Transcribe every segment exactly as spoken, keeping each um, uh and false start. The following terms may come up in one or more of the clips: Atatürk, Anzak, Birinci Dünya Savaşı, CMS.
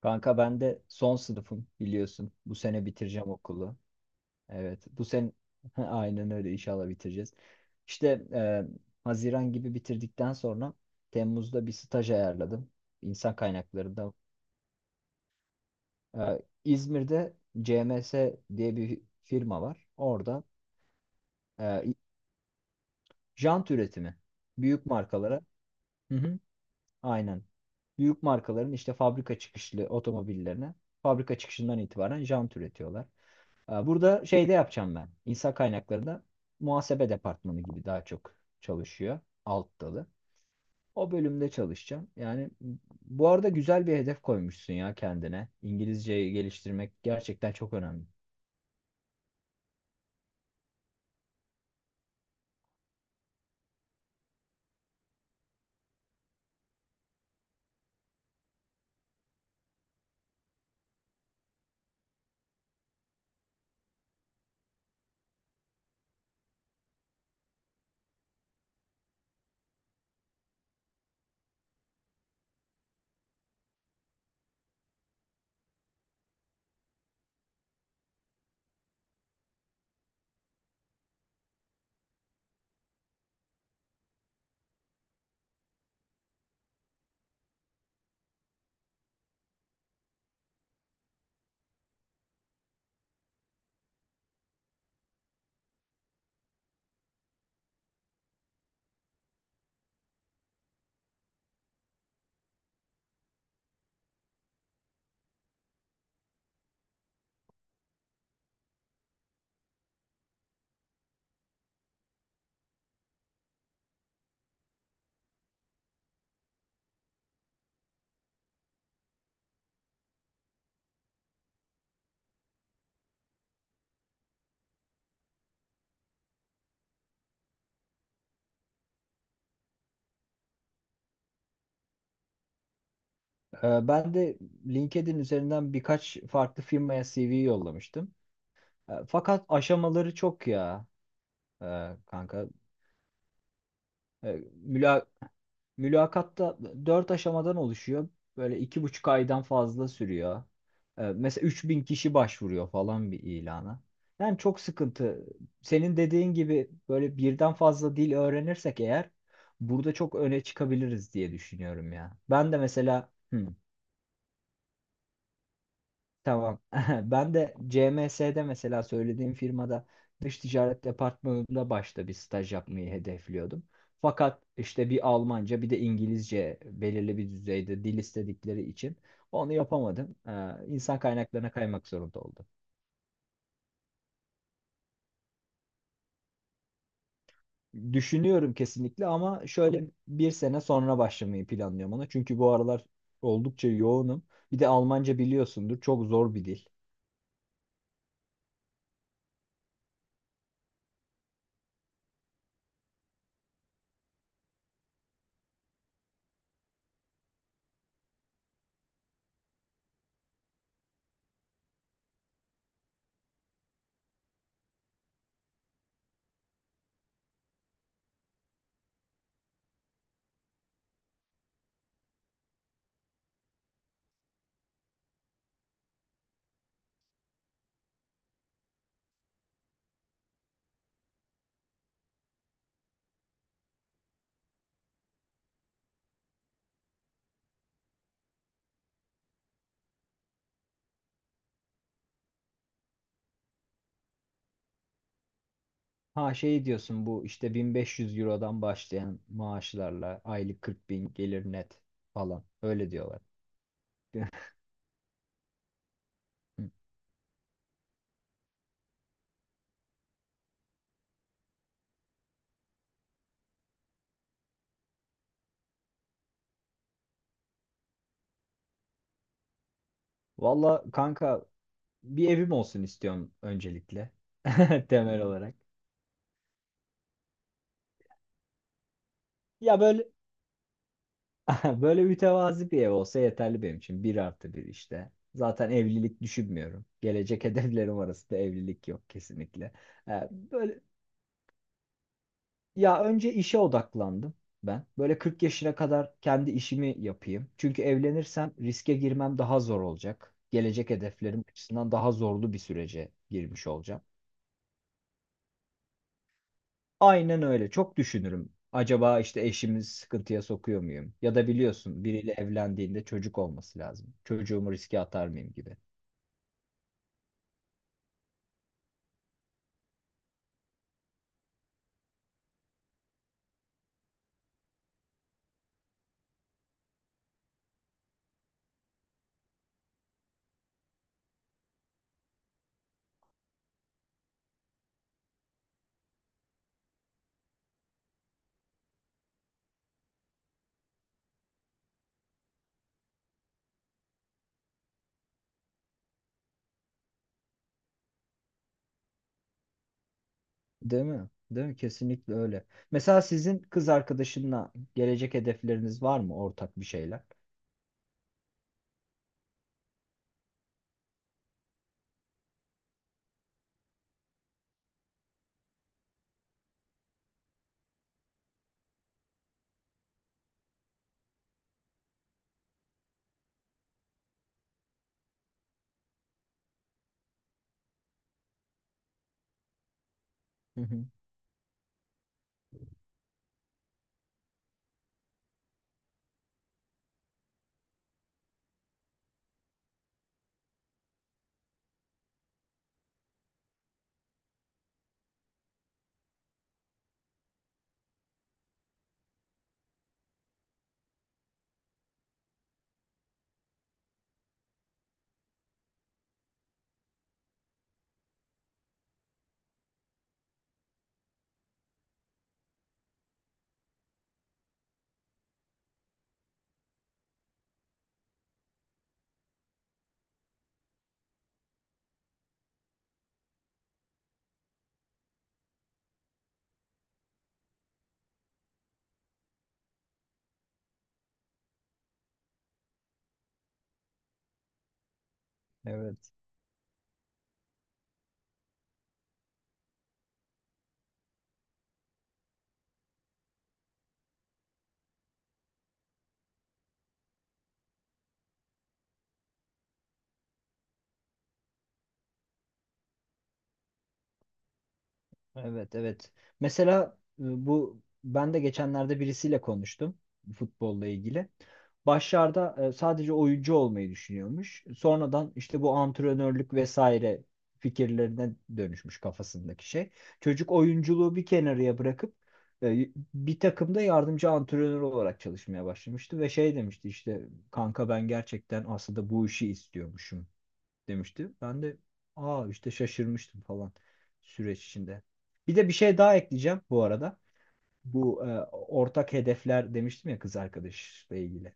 Kanka ben de son sınıfım biliyorsun. Bu sene bitireceğim okulu. Evet. Bu sene aynen öyle inşallah bitireceğiz. İşte e, Haziran gibi bitirdikten sonra Temmuz'da bir staj ayarladım. İnsan kaynaklarında. E, İzmir'de C M S diye bir firma var. Orada e, jant üretimi. Büyük markalara. Hı hı. Aynen. Büyük markaların işte fabrika çıkışlı otomobillerine fabrika çıkışından itibaren jant üretiyorlar. Ee, Burada şeyde yapacağım ben. İnsan kaynaklarında muhasebe departmanı gibi daha çok çalışıyor. Alt dalı. O bölümde çalışacağım. Yani bu arada güzel bir hedef koymuşsun ya kendine. İngilizceyi geliştirmek gerçekten çok önemli. Ee, Ben de LinkedIn üzerinden birkaç farklı firmaya C V yollamıştım. Ee, Fakat aşamaları çok ya e, kanka. E, müla- Mülakatta dört aşamadan oluşuyor. Böyle iki buçuk aydan fazla sürüyor. Ee, mesela üç bin kişi başvuruyor falan bir ilana. Yani çok sıkıntı. Senin dediğin gibi böyle birden fazla dil öğrenirsek eğer burada çok öne çıkabiliriz diye düşünüyorum ya. Ben de mesela hı, tamam. Ben de C M S'de mesela söylediğim firmada dış ticaret departmanında başta bir staj yapmayı hedefliyordum. Fakat işte bir Almanca bir de İngilizce belirli bir düzeyde dil istedikleri için onu yapamadım. Ee, insan kaynaklarına kaymak zorunda oldum. Düşünüyorum kesinlikle ama şöyle bir sene sonra başlamayı planlıyorum ona. Çünkü bu aralar oldukça yoğunum. Bir de Almanca biliyorsundur, çok zor bir dil. Ha, şey diyorsun, bu işte bin beş yüz Euro'dan başlayan maaşlarla aylık kırk bin gelir net falan. Öyle diyorlar. Valla kanka, bir evim olsun istiyorum öncelikle, temel olarak. Ya böyle, böyle mütevazi bir ev olsa yeterli benim için. Bir artı bir işte. Zaten evlilik düşünmüyorum. Gelecek hedeflerim arasında evlilik yok kesinlikle. Ee, böyle Ya önce işe odaklandım ben. Böyle kırk yaşına kadar kendi işimi yapayım. Çünkü evlenirsem riske girmem daha zor olacak. Gelecek hedeflerim açısından daha zorlu bir sürece girmiş olacağım. Aynen öyle. Çok düşünürüm. Acaba işte eşimi sıkıntıya sokuyor muyum? Ya da biliyorsun, biriyle evlendiğinde çocuk olması lazım. Çocuğumu riske atar mıyım gibi. Değil mi? Değil mi? Kesinlikle öyle. Mesela sizin kız arkadaşınla gelecek hedefleriniz var mı, ortak bir şeyler? Hı hı. Evet. Evet, evet. Mesela e, bu, ben de geçenlerde birisiyle konuştum futbolla ilgili. Başlarda e, sadece oyuncu olmayı düşünüyormuş. Sonradan işte bu antrenörlük vesaire fikirlerine dönüşmüş kafasındaki şey. Çocuk oyunculuğu bir kenarıya bırakıp e, bir takımda yardımcı antrenör olarak çalışmaya başlamıştı ve şey demişti işte, kanka ben gerçekten aslında bu işi istiyormuşum demişti. Ben de aa işte şaşırmıştım falan süreç içinde. Bir de bir şey daha ekleyeceğim bu arada. Bu e, ortak hedefler demiştim ya, kız arkadaşla ilgili.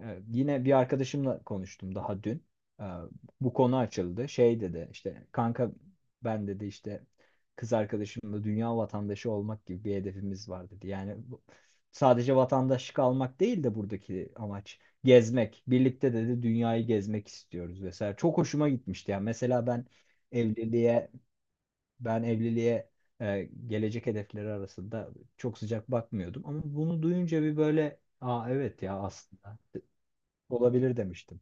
Evet, yine bir arkadaşımla konuştum daha dün. Ee, Bu konu açıldı. Şey dedi işte, kanka ben dedi işte kız arkadaşımla dünya vatandaşı olmak gibi bir hedefimiz var dedi. Yani bu- sadece vatandaşlık almak değil de buradaki amaç gezmek. Birlikte dedi dünyayı gezmek istiyoruz vesaire. Çok hoşuma gitmişti. Yani mesela ben evliliğe ben evliliğe e, gelecek hedefleri arasında çok sıcak bakmıyordum. Ama bunu duyunca bir böyle, aa evet ya, aslında. Olabilir demiştim.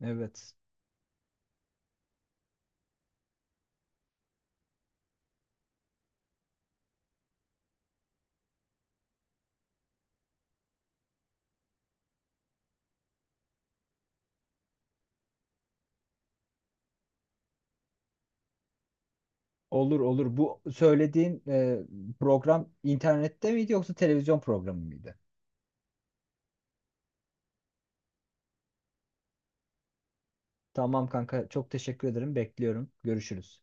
Evet. Olur, olur. Bu söylediğin e, program internette miydi yoksa televizyon programı mıydı? Tamam kanka, çok teşekkür ederim. Bekliyorum. Görüşürüz.